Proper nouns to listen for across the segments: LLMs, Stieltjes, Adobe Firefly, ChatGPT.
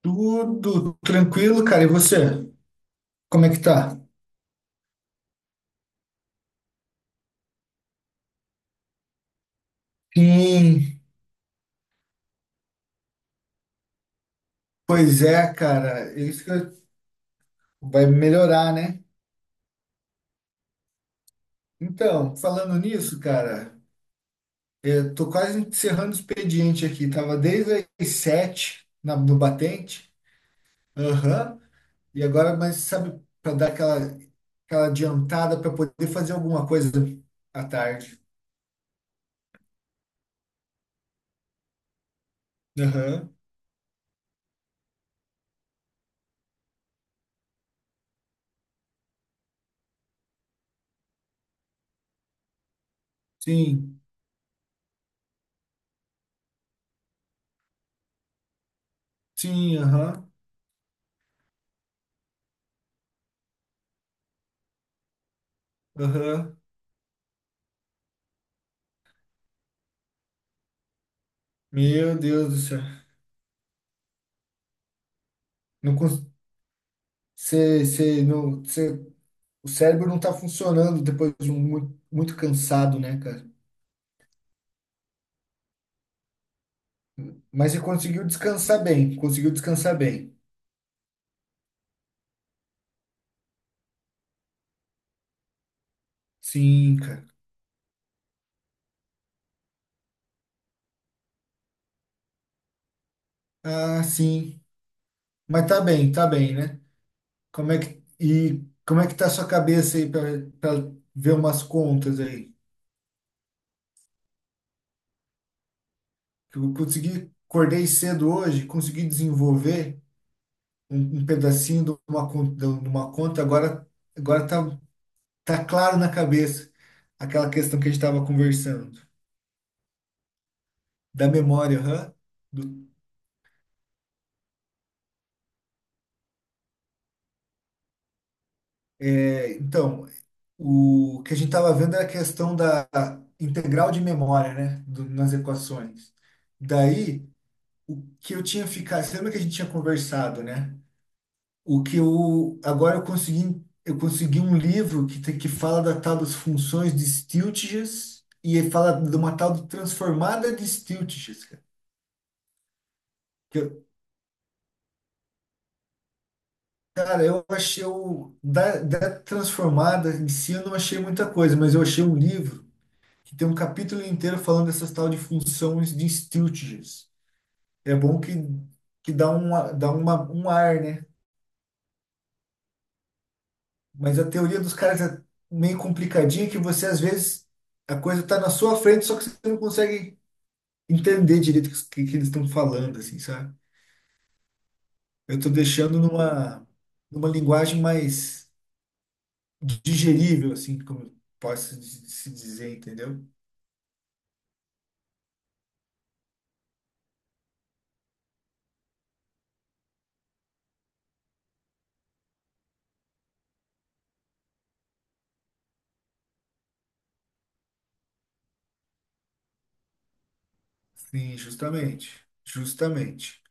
Tudo tranquilo, cara. E você? Como é que tá? Sim, pois é, cara. É isso que vai melhorar, né? Então, falando nisso, cara, eu tô quase encerrando o expediente aqui. Tava desde as sete no batente. Aham. E agora, mas sabe, para dar aquela adiantada para poder fazer alguma coisa à tarde. Aham. Sim, sim, aham, aham. Meu Deus do céu. Não, você não, você, o cérebro não está funcionando depois de um muito, muito cansado, né, cara? Mas você conseguiu descansar bem. Sim, cara. Ah, sim. Mas tá bem, né? E como é que tá a sua cabeça aí para ver umas contas aí? Que eu consegui, acordei cedo hoje, consegui desenvolver um pedacinho de de uma conta, agora tá, tá claro na cabeça aquela questão que a gente estava conversando. Da memória, aham. Do- é, então, o que a gente estava vendo era a questão da integral de memória, né? Nas equações. Daí, o que eu tinha ficado, você lembra que a gente tinha conversado, né? O que eu, agora eu consegui um livro que fala da tal das funções de Stieltjes e ele fala de uma tal de transformada de Stieltjes, cara. Que eu- Cara, eu achei da transformada em si eu não achei muita coisa, mas eu achei um livro que tem um capítulo inteiro falando dessas tal de funções de Stieltjes. É bom que dá, dá um ar, né? Mas a teoria dos caras é meio complicadinha que você, às vezes, a coisa tá na sua frente, só que você não consegue entender direito que eles estão falando, assim, sabe? Eu tô deixando numa linguagem mais digerível, assim, como eu posso se dizer, entendeu? Sim, justamente. Justamente.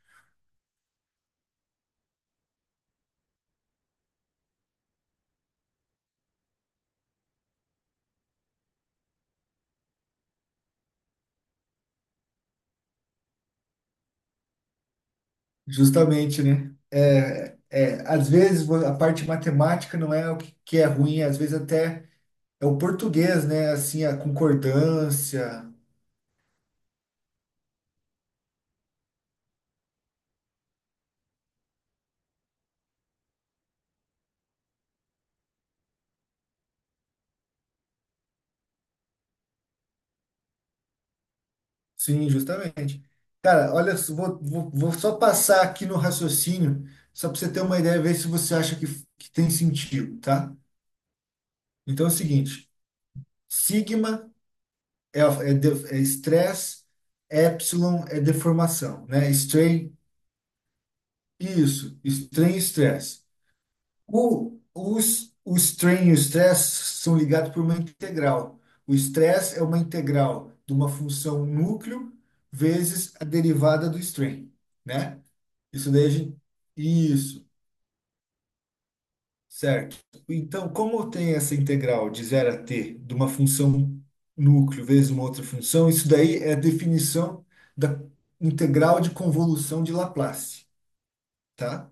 Justamente, né? É, é, às vezes a parte matemática não é o que que é ruim, às vezes até é o português, né? Assim, a concordância. Sim, justamente. Cara, olha, só, vou só passar aqui no raciocínio, só para você ter uma ideia, ver se você acha que tem sentido, tá? Então é o seguinte: sigma é estresse, epsilon é deformação, né? Strain, isso, strain e estresse. O strain e o stress são ligados por uma integral. O stress é uma integral de uma função núcleo vezes a derivada do strain, né? Isso daí a gente... Isso, certo. Então, como tem essa integral de zero a t de uma função núcleo vezes uma outra função, isso daí é a definição da integral de convolução de Laplace, tá?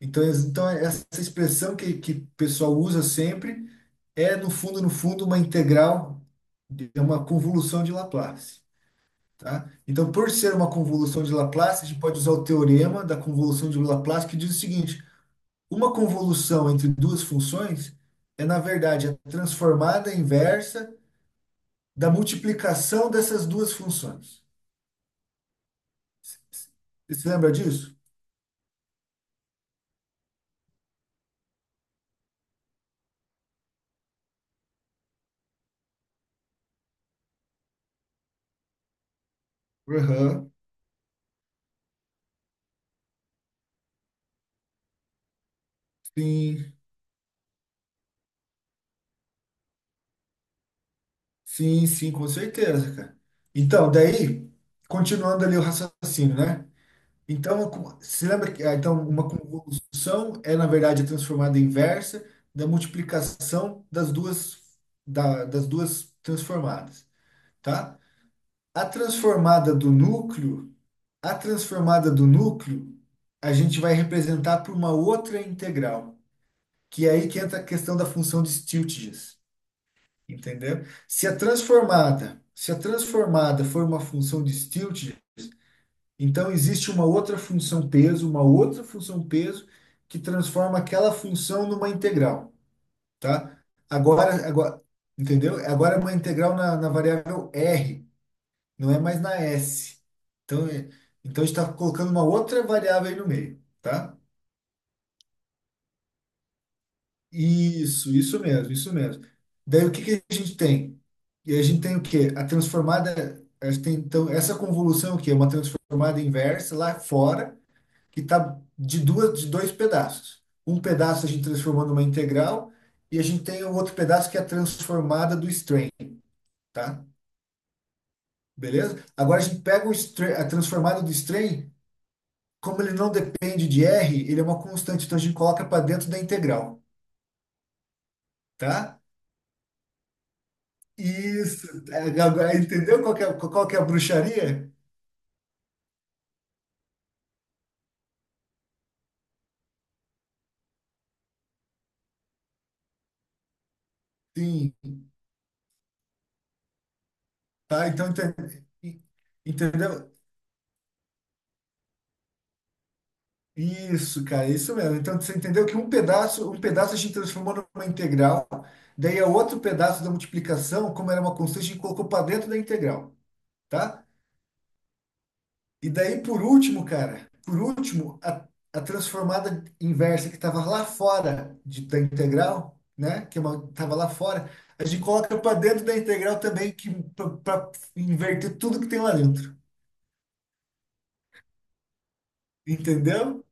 Então, essa expressão que o pessoal usa sempre é, no fundo, no fundo, uma integral, é uma convolução de Laplace. Tá? Então, por ser uma convolução de Laplace, a gente pode usar o teorema da convolução de Laplace, que diz o seguinte: uma convolução entre duas funções é, na verdade, a transformada inversa da multiplicação dessas duas funções. Você se lembra disso? Aham. Sim. Sim, sim, com certeza, cara. Então, daí, continuando ali o raciocínio, né? Então, se lembra que ah, então, uma convolução é, na verdade, a transformada inversa da multiplicação das das duas transformadas, tá? A transformada do núcleo, a transformada do núcleo, a gente vai representar por uma outra integral, que é aí que entra a questão da função de Stieltjes. Entendeu? Se a transformada for uma função de Stilt, então existe uma outra uma outra função peso que transforma aquela função numa integral, tá? Agora, entendeu? Agora é uma integral na variável R, não é mais na S. Então, então a gente está colocando uma outra variável aí no meio, tá? Isso, isso mesmo. Daí o que que a gente tem? E a gente tem o quê? A transformada, a gente tem, então, essa convolução é o quê? É uma transformada inversa lá fora, que está de dois pedaços. Um pedaço a gente transformou numa integral e a gente tem o outro pedaço que é a transformada do strain, tá? Beleza? Agora a gente pega o strain, a transformada do strain, como ele não depende de R, ele é uma constante, então a gente coloca para dentro da integral, tá? Isso, é, agora entendeu qual que qual que é a bruxaria? Sim, tá? Então, entendeu? Isso, cara, isso mesmo. Então, você entendeu que um um pedaço a gente transformou numa integral, daí é outro pedaço da multiplicação, como era uma constante, a gente colocou para dentro da integral, tá? E daí, por último, cara, por a transformada inversa que estava lá fora da integral, né? Que estava lá fora, a gente coloca para dentro da integral também, que para inverter tudo que tem lá dentro. Entendeu?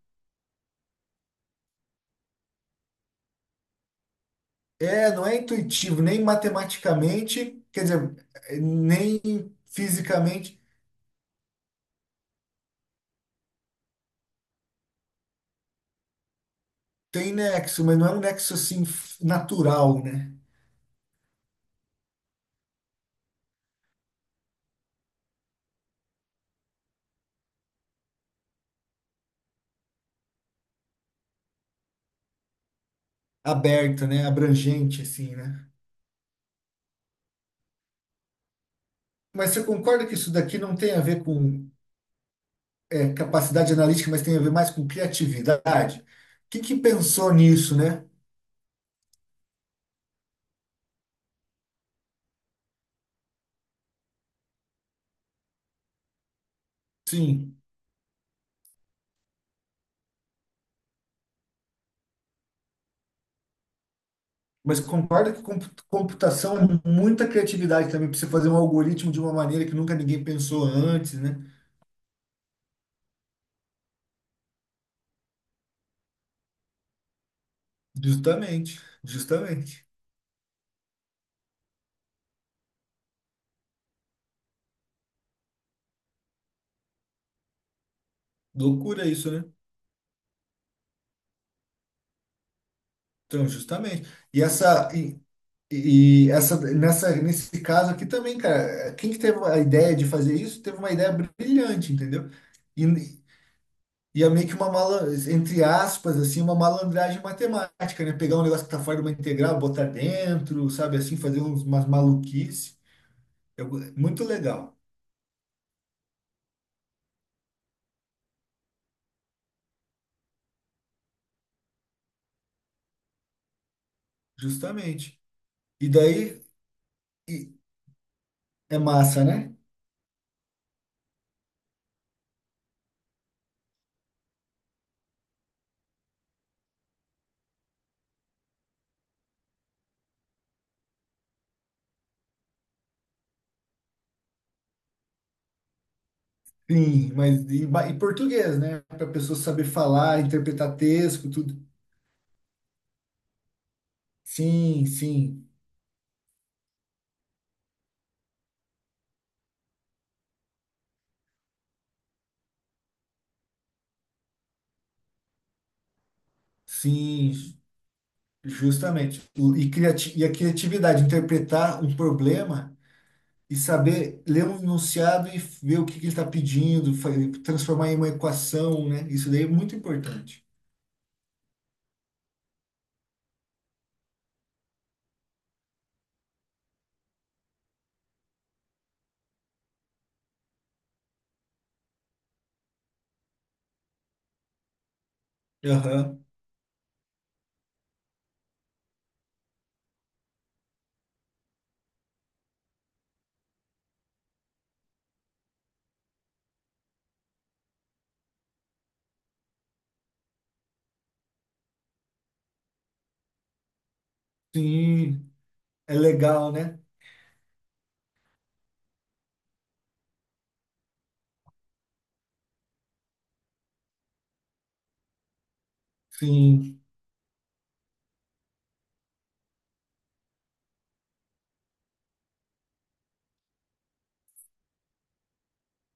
É, não é intuitivo, nem matematicamente, quer dizer, nem fisicamente. Tem nexo, mas não é um nexo assim natural, né? Aberto, né? Abrangente, assim, né? Mas você concorda que isso daqui não tem a ver com é, capacidade analítica, mas tem a ver mais com criatividade. Quem que pensou nisso, né? Sim, mas concorda que computação é muita criatividade também para você fazer um algoritmo de uma maneira que nunca ninguém pensou antes, né? Justamente, justamente. Loucura isso, né? Então, justamente. E essa e, e essa nessa nesse caso aqui também, cara, quem que teve a ideia de fazer isso, teve uma ideia brilhante, entendeu? E, e é meio que uma mala, entre aspas, assim, uma malandragem matemática, né? Pegar um negócio que tá fora de uma integral, botar dentro, sabe assim, fazer uns, umas maluquices. É muito legal, justamente. E daí e- é massa, né? Sim, e português, né? Para a pessoa saber falar, interpretar texto, tudo. Sim, sim, sim, justamente. E, criati e a criatividade, interpretar um problema e saber ler um enunciado e ver o que ele está pedindo, transformar em uma equação, né? Isso daí é muito importante. Aham. Sim, é legal, né? Sim.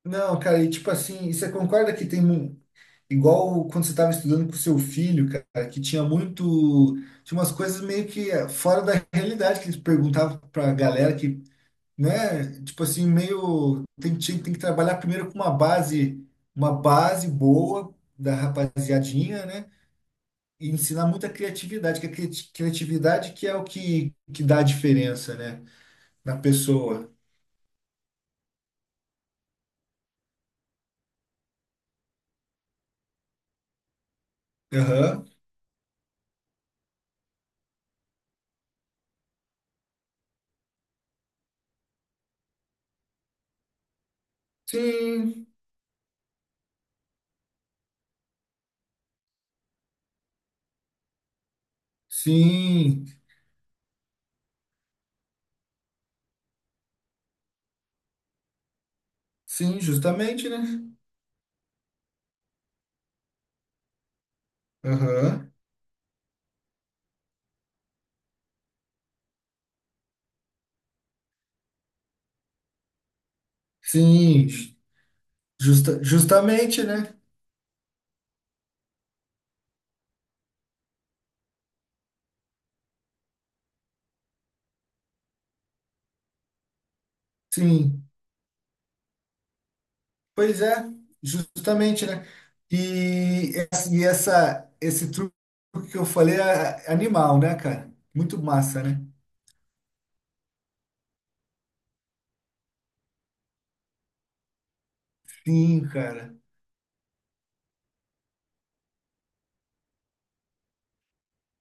Não, cara, e tipo assim, e você concorda que tem um. Igual quando você estava estudando com seu filho, cara, que tinha muito. Tinha umas coisas meio que fora da realidade, que eles perguntavam pra galera né? Tipo assim, meio. Tem, tem que trabalhar primeiro com uma base boa da rapaziadinha, né? e ensinar muita criatividade, que a criatividade que é o que dá a diferença, né, na pessoa. Aham. Sim, sim, sim, justamente, né? Aham. Sim, justa, justamente, né? Sim, pois é, justamente, né? E, e essa, esse truque que eu falei é é animal, né, cara? Muito massa, né? Sim, cara.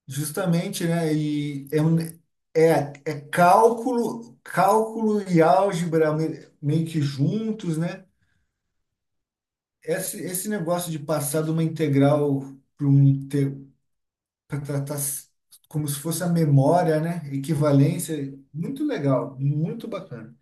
Justamente, né? E é, é, é cálculo, cálculo e álgebra meio que juntos, né? Esse negócio de passar de uma integral para um para tratar como se fosse a memória, né? Equivalência, muito legal, muito bacana.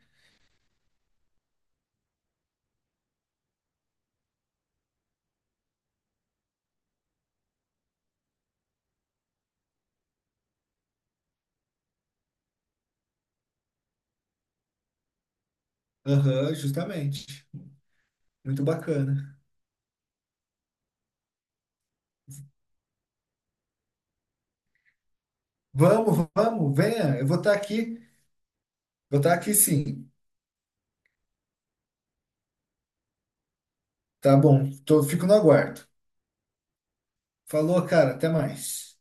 Aham, justamente. Muito bacana. Vamos, vamos, venha. Eu vou estar aqui. Vou estar aqui sim. Tá bom. Tô, fico no aguardo. Falou, cara. Até mais.